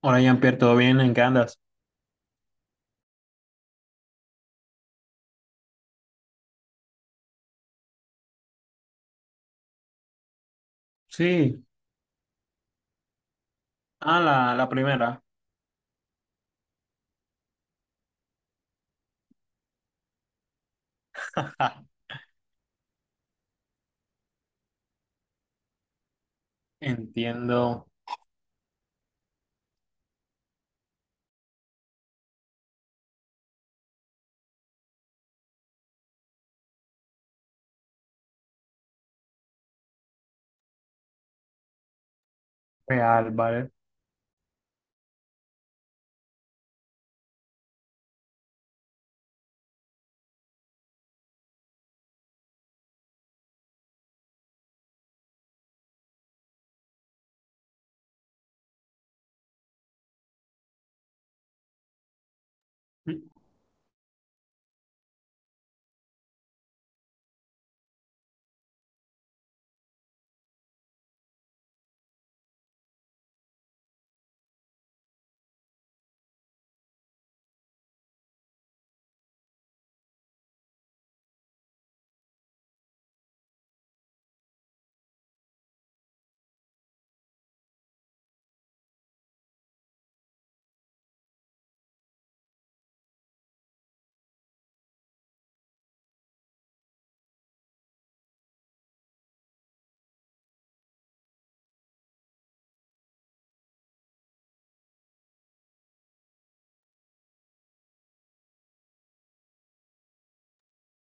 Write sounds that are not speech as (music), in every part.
Hola Jean-Pierre, ¿todo bien? ¿En qué andas? Sí, ah, la primera. (laughs) Entiendo, real, ¿vale?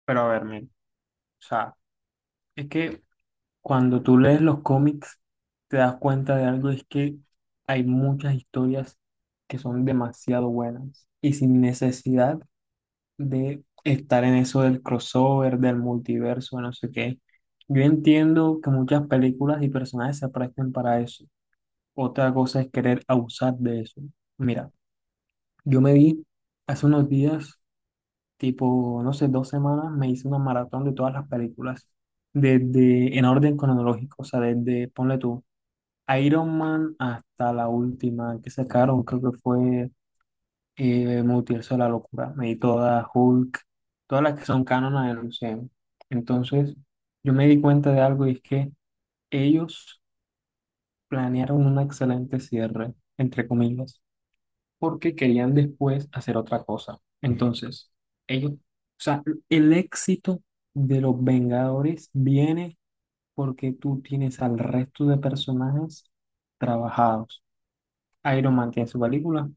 Pero a ver, mira, o sea, es que cuando tú lees los cómics, te das cuenta de algo, es que hay muchas historias que son demasiado buenas y sin necesidad de estar en eso del crossover, del multiverso, no sé qué. Yo entiendo que muchas películas y personajes se prestan para eso. Otra cosa es querer abusar de eso. Mira. Yo me vi hace unos días, tipo, no sé, dos semanas, me hice una maratón de todas las películas, desde en orden cronológico, o sea, desde, ponle tú, Iron Man hasta la última que sacaron, creo que fue Multiverso de la Locura, me di todas Hulk, todas las que son cánonas del UCM. Entonces, yo me di cuenta de algo y es que ellos planearon un excelente cierre, entre comillas, porque querían después hacer otra cosa. Entonces, ellos, o sea, el éxito de los Vengadores viene porque tú tienes al resto de personajes trabajados. Iron Man tiene su película,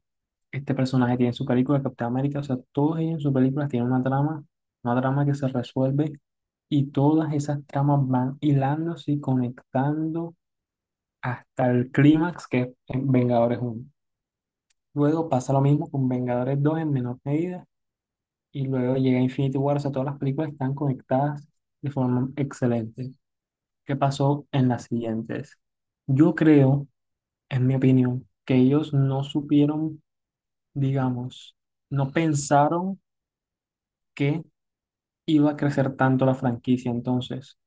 este personaje tiene su película, Capitán América, o sea, todos ellos en sus películas tienen una trama que se resuelve y todas esas tramas van hilándose y conectando hasta el clímax que es en Vengadores uno. Luego pasa lo mismo con Vengadores 2 en menor medida. Y luego llega Infinity War, o sea, todas las películas están conectadas de forma excelente. ¿Qué pasó en las siguientes? Yo creo, en mi opinión, que ellos no supieron, digamos, no pensaron que iba a crecer tanto la franquicia. Entonces,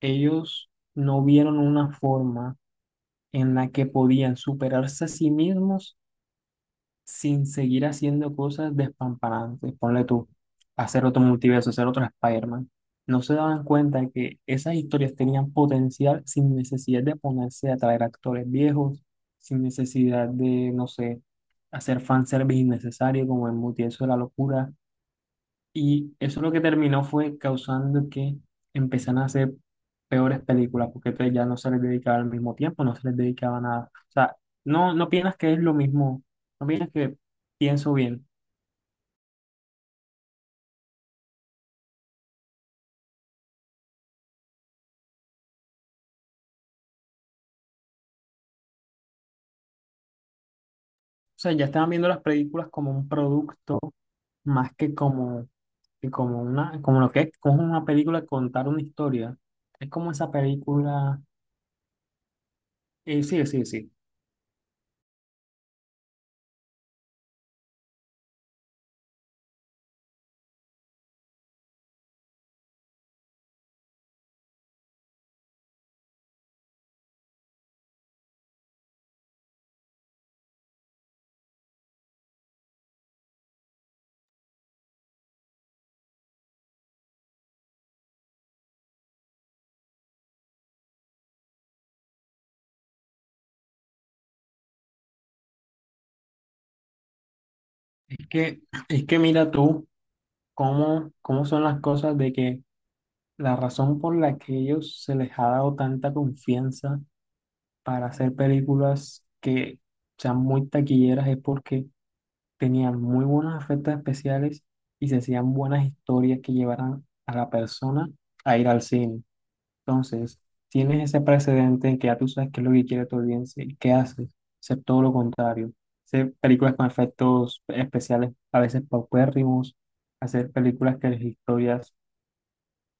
ellos no vieron una forma en la que podían superarse a sí mismos sin seguir haciendo cosas despamparantes. Ponle tú, hacer otro multiverso, hacer otro Spider-Man. No se daban cuenta que esas historias tenían potencial sin necesidad de ponerse a traer actores viejos, sin necesidad de, no sé, hacer fanservice innecesario como el multiverso de la locura. Y eso lo que terminó fue causando que empezaran a hacer peores películas, porque entonces ya no se les dedicaba al mismo tiempo, no se les dedicaba nada. O sea, no piensas que es lo mismo, no piensas que pienso bien. O sea, ya estaban viendo las películas como un producto más que como una, como lo que es, como una película contar una historia. Es como esa película, sí, sí, sí. Es que, es que mira tú cómo, cómo son las cosas de que la razón por la que ellos se les ha dado tanta confianza para hacer películas que sean muy taquilleras es porque tenían muy buenos efectos especiales y se hacían buenas historias que llevaran a la persona a ir al cine. Entonces, tienes ese precedente en que ya tú sabes qué es lo que quiere tu audiencia y qué haces, hacer todo lo contrario. Hacer películas con efectos especiales a veces paupérrimos, hacer películas que las historias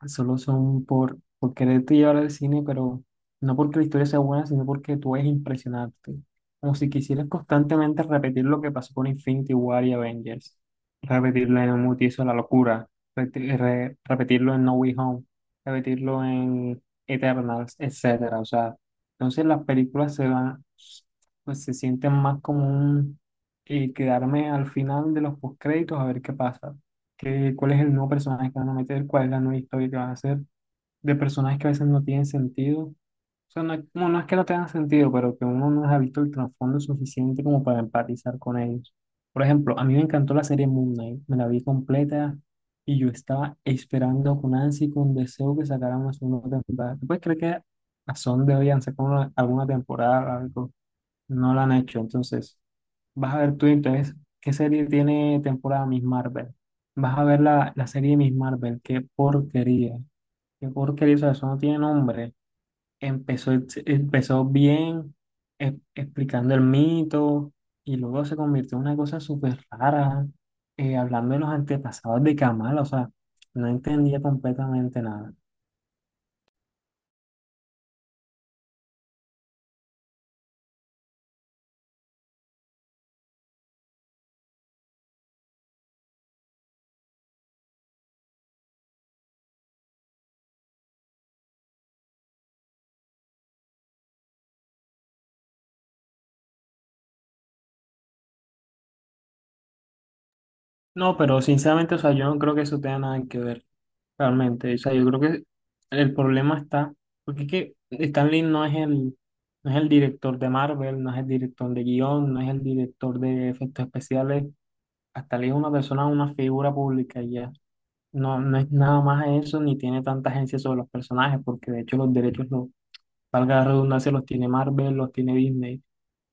solo son por quererte llevar al cine, pero no porque la historia sea buena, sino porque tú es impresionante. Como si quisieras constantemente repetir lo que pasó con Infinity War y Avengers. Repetirlo en Multiverso de la locura. Repetirlo en No Way Home. Repetirlo en Eternals, etcétera. O sea, entonces las películas se van, pues se sienten más como un quedarme al final de los postcréditos a ver qué pasa, cuál es el nuevo personaje que van a meter, cuál es la nueva historia que vas a hacer, de personajes que a veces no tienen sentido. O sea, no es que no tengan sentido, pero que uno no ha visto el trasfondo suficiente como para empatizar con ellos. Por ejemplo, a mí me encantó la serie Moon Knight, me la vi completa y yo estaba esperando con ansia y con deseo que sacaran una segunda temporada. ¿Tú puedes creer que a son de hoy han sacado alguna temporada, algo? No la han hecho, entonces. Vas a ver tú entonces qué serie tiene temporada, Miss Marvel. Vas a ver la serie de Miss Marvel. Qué porquería. Qué porquería. O sea, eso no tiene nombre. Empezó bien explicando el mito y luego se convirtió en una cosa súper rara. Hablando de los antepasados de Kamala. O sea, no entendía completamente nada. No, pero sinceramente, o sea, yo no creo que eso tenga nada que ver. Realmente, o sea, yo creo que el problema está, porque es que Stan Lee no es el, no es el director de Marvel, no es el director de guión, no es el director de efectos especiales, hasta Lee es una persona, una figura pública y ya. No, no es nada más eso, ni tiene tanta agencia sobre los personajes, porque de hecho los derechos, los, valga la redundancia, los tiene Marvel, los tiene Disney.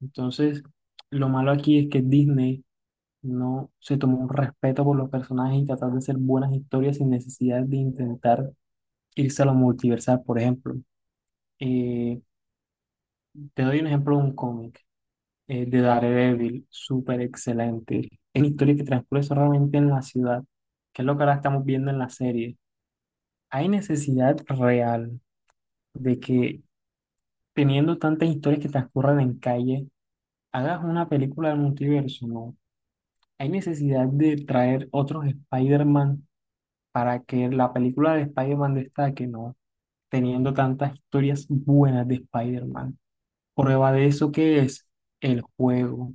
Entonces, lo malo aquí es que Disney no se tomó un respeto por los personajes y tratar de hacer buenas historias sin necesidad de intentar irse a lo multiversal, por ejemplo. Eh, Te doy un ejemplo de un cómic de Daredevil, súper excelente. Es una historia que transcurre solamente en la ciudad, que es lo que ahora estamos viendo en la serie. Hay necesidad real de que, teniendo tantas historias que transcurren en calle, hagas una película del multiverso, ¿no? Hay necesidad de traer otros Spider-Man para que la película de Spider-Man destaque, ¿no? Teniendo tantas historias buenas de Spider-Man. Prueba de eso que es el juego.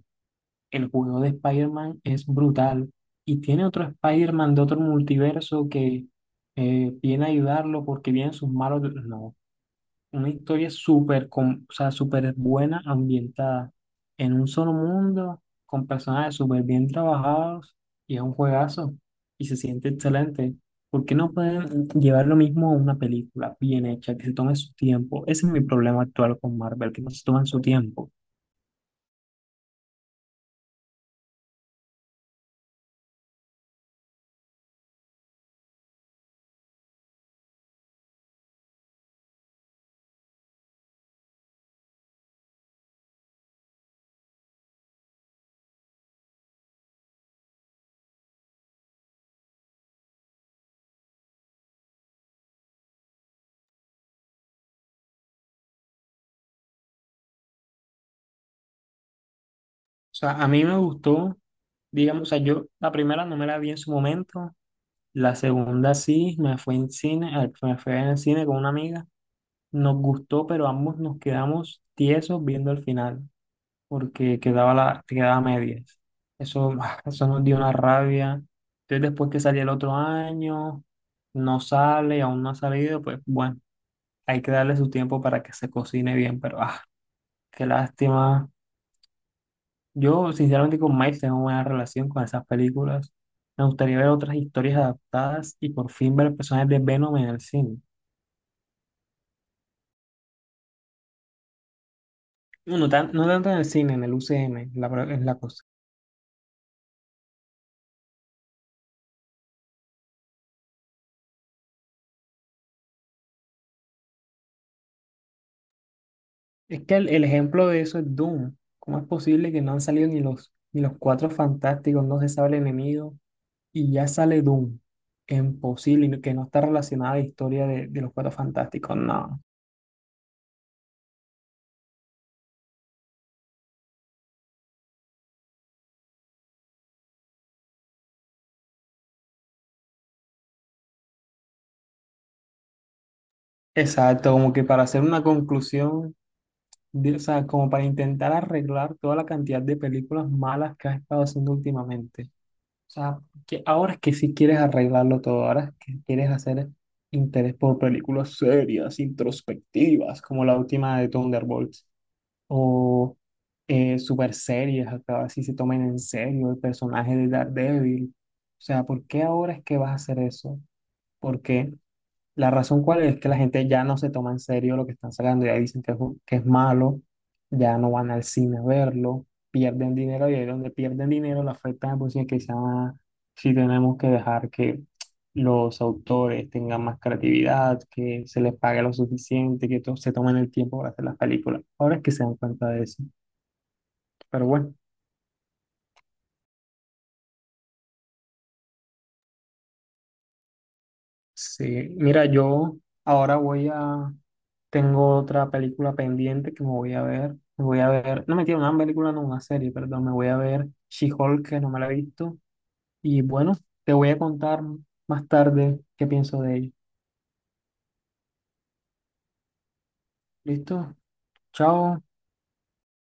El juego de Spider-Man es brutal y tiene otro Spider-Man de otro multiverso que viene a ayudarlo porque vienen sus malos... No, una historia súper, o sea, súper buena, ambientada en un solo mundo, con personajes súper bien trabajados y es un juegazo y se siente excelente. ¿Por qué no pueden llevar lo mismo a una película bien hecha, que se tome su tiempo? Ese es mi problema actual con Marvel, que no se toman su tiempo. O sea, a mí me gustó, digamos, o sea, yo la primera no me la vi en su momento, la segunda sí, me fue en cine, me fue en el cine con una amiga, nos gustó, pero ambos nos quedamos tiesos viendo el final, porque quedaba la, quedaba a medias. Eso, (sighs) eso nos dio una rabia. Entonces, después que salió el otro año, no sale, aún no ha salido, pues bueno, hay que darle su tiempo para que se cocine bien, pero ah, qué lástima. Yo, sinceramente, con Miles tengo buena relación con esas películas. Me gustaría ver otras historias adaptadas y por fin ver personajes de Venom en el cine. No tanto en el cine, en el UCM, la, es la cosa. Es que el ejemplo de eso es Doom. ¿Cómo es posible que no han salido ni los, ni los cuatro fantásticos, no se sabe el enemigo, y ya sale Doom? Es imposible, y que no está relacionada la historia de los cuatro fantásticos, no. Exacto, como que para hacer una conclusión de- o sea, como para intentar arreglar toda la cantidad de películas malas que has estado haciendo últimamente. O sea, que ahora es que sí quieres arreglarlo todo, ahora es que quieres hacer interés por películas serias, introspectivas, como la última de Thunderbolts, o super serias, hasta ahora sí se tomen en serio el personaje de Daredevil. O sea, ¿por qué ahora es que vas a hacer eso? ¿Por qué? La razón cuál es que la gente ya no se toma en serio lo que están sacando, ya dicen que es, que es malo, ya no van al cine a verlo, pierden dinero y ahí donde pierden dinero la afecta de por sí que se llama, si tenemos que dejar que los autores tengan más creatividad, que se les pague lo suficiente, se tomen el tiempo para hacer las películas. Ahora es que se dan cuenta de eso. Pero bueno, sí, mira, yo ahora voy a... Tengo otra película pendiente que me voy a ver. Me voy a ver, no mentira, una película, no, una serie, perdón. Me voy a ver She-Hulk, que no me la he visto. Y bueno, te voy a contar más tarde qué pienso de ella. ¿Listo? Chao.